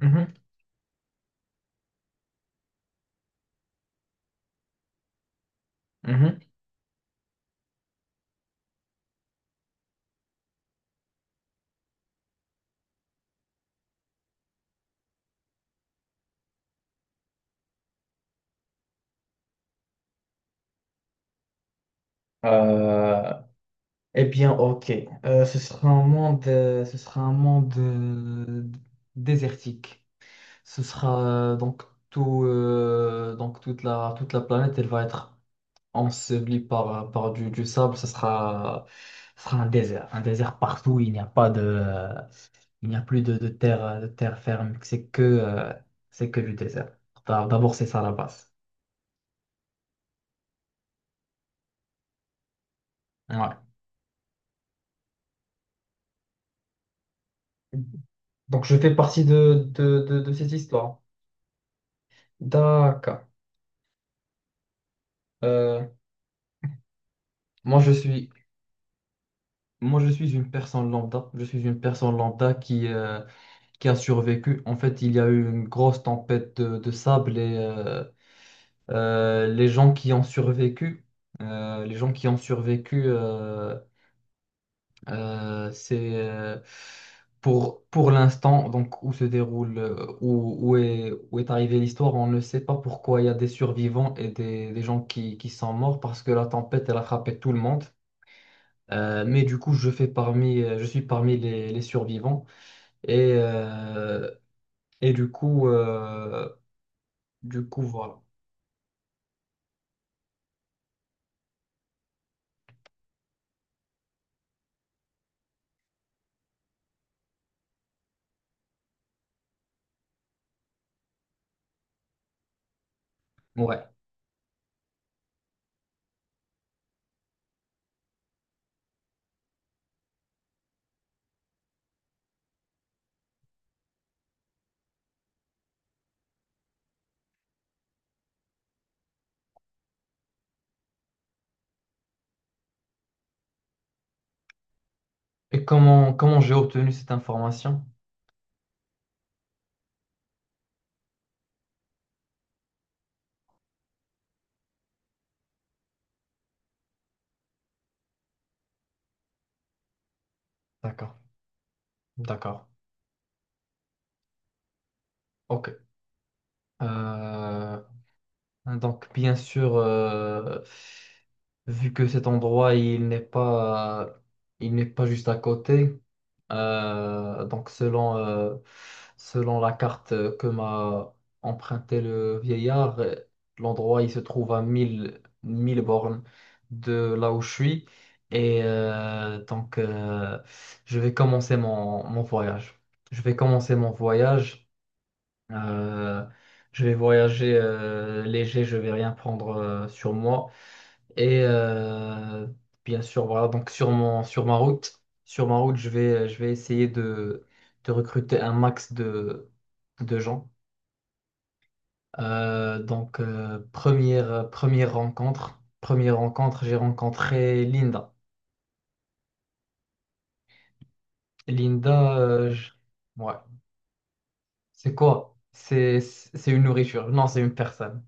Mhm, mhm. Euh, eh bien, ok. Ce sera un monde, ce sera un monde désertique. Ce sera donc tout, donc toute la planète, elle va être ensevelie par du sable. Ce sera un désert partout. Il n'y a pas de, il n'y a plus de terre ferme. C'est que du désert. D'abord, c'est ça la base. Ouais. Donc, je fais partie de cette histoire. D'accord. Euh, moi, je suis, moi, je suis une personne lambda. Je suis une personne lambda qui qui a survécu. En fait, il y a eu une grosse tempête de sable et euh, les gens qui ont survécu, les gens qui ont survécu, euh, c'est euh, pour l'instant, donc où se déroule, où est arrivée l'histoire, on ne sait pas pourquoi il y a des survivants et des gens qui sont morts parce que la tempête, elle a frappé tout le monde. Mais du coup, je suis parmi les survivants. Et, euh, et du coup, voilà. Ouais. Et comment j'ai obtenu cette information? D'accord, d'accord. Ok. Euh, donc, bien sûr, vu que cet endroit, il n'est pas juste à côté. Donc selon la carte que m'a emprunté le vieillard, l'endroit il se trouve à 1000 1000 bornes de là où je suis. Et donc, je vais commencer mon, mon voyage. Je vais commencer mon voyage. Euh, je vais voyager léger, je vais rien prendre sur moi. Et bien sûr, voilà, sur ma route, je vais essayer de recruter un max de gens. Première rencontre, j'ai rencontré Linda. Linda, ouais, c'est quoi? C'est une nourriture. Non, c'est une personne.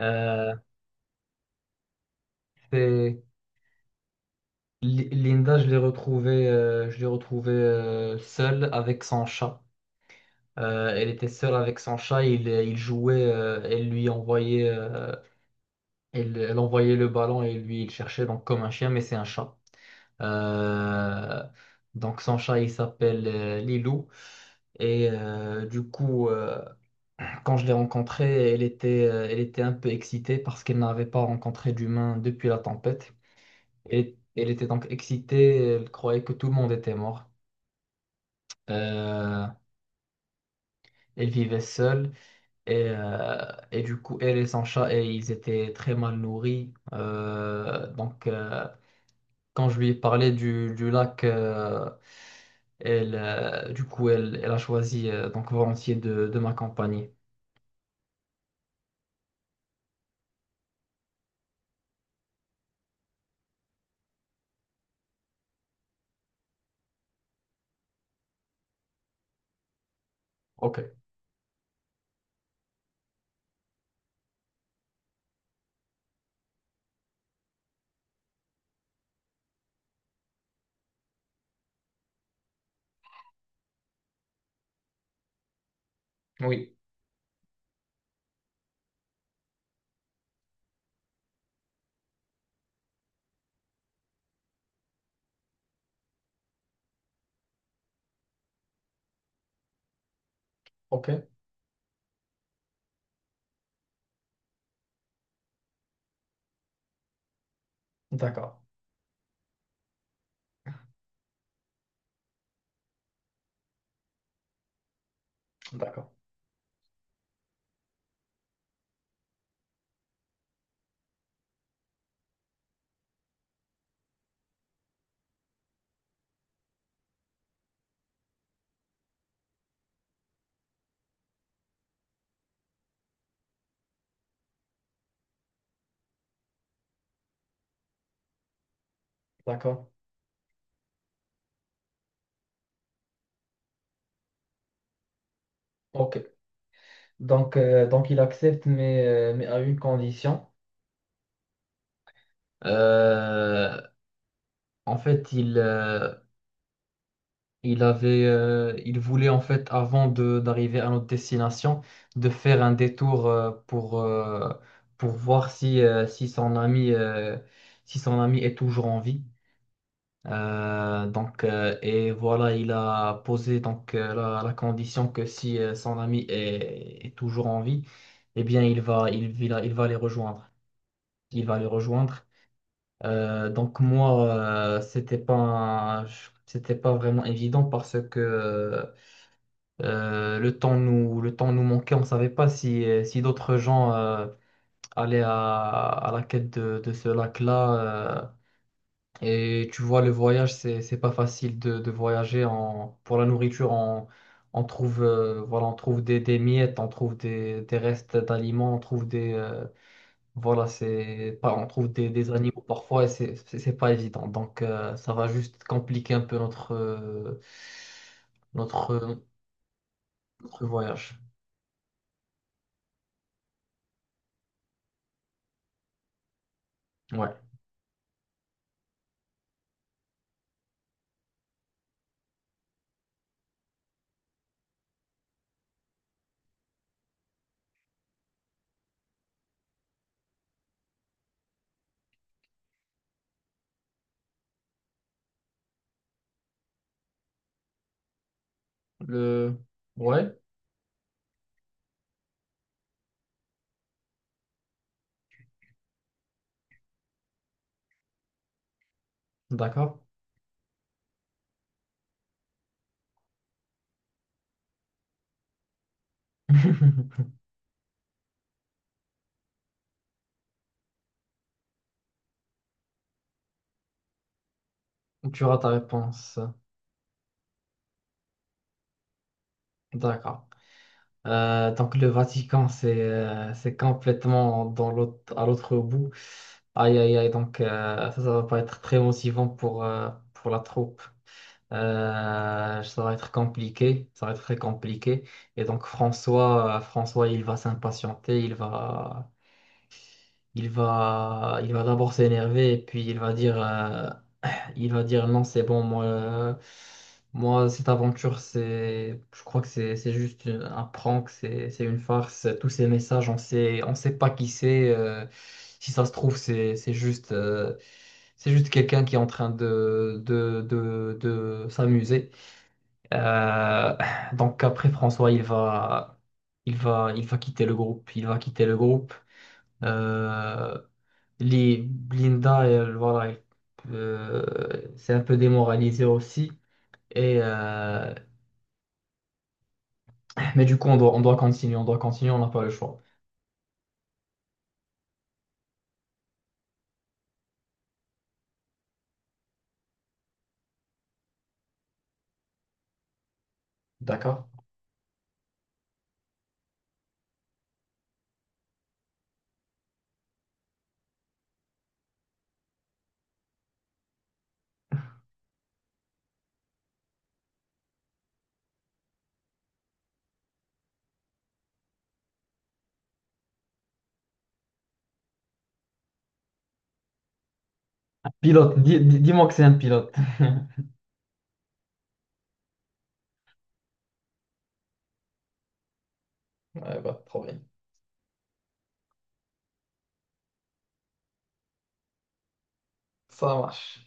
Euh, c'est Linda, je l'ai retrouvée seule avec son chat. Elle était seule avec son chat, il jouait, elle envoyait le ballon et lui il cherchait donc comme un chien, mais c'est un chat. Euh, donc son chat il s'appelle Lilou et du coup, quand je l'ai rencontrée, elle était un peu excitée parce qu'elle n'avait pas rencontré d'humain depuis la tempête. Et elle était donc excitée, elle croyait que tout le monde était mort. Euh, elle vivait seule. Et, euh, et du coup, elle et son chat, et ils étaient très mal nourris. Donc, quand je lui ai parlé du lac, elle, du coup, elle, elle a choisi donc volontiers de m'accompagner. Ok, oui, ok, d'accord, d'accord, d'accord, ok. Donc, donc il accepte, mais à une condition. Euh, en fait, il voulait en fait, avant de d'arriver à notre destination, de faire un détour pour voir si son ami est toujours en vie. Et voilà, il a posé la, la condition que si son ami est, est toujours en vie, eh bien, il va les rejoindre. Il va les rejoindre. Donc moi, euh, c'était pas, un- c'était pas vraiment évident parce que le temps nous manquait, on ne savait pas si d'autres gens allaient à la quête de ce lac-là. Et tu vois, le voyage, c'est pas facile de voyager en, pour la nourriture. On trouve, voilà, on trouve des miettes, on trouve des restes d'aliments, on trouve des, voilà, c'est pas, on trouve des animaux parfois et c'est pas évident. Donc, ça va juste compliquer un peu notre, notre voyage. Ouais. Le... Ouais, d'accord. Tu auras ta réponse. D'accord. Donc le Vatican, c'est complètement dans l'autre, à l'autre bout. Aïe, aïe, aïe. Donc, ça va pas être très motivant pour la troupe. Ça va être compliqué. Ça va être très compliqué. Et donc François, il va s'impatienter. Il va d'abord s'énerver et puis il va dire. Il va dire non, c'est bon, moi, cette aventure, c'est, je crois que c'est juste un prank, c'est une farce. Tous ces messages, on sait pas qui c'est. Si ça se trouve, c'est juste quelqu'un qui est en train de s'amuser. Euh, donc après, François, il va quitter le groupe. Il va quitter le groupe. Euh, les Blinda, elle, voilà, c'est un peu démoralisé aussi. Et, euh, mais du coup, on doit continuer, on doit continuer, on n'a pas le choix. D'accord. Pilote, dis-moi que c'est un pilote. Ouais, bah, trop bien. Ça marche.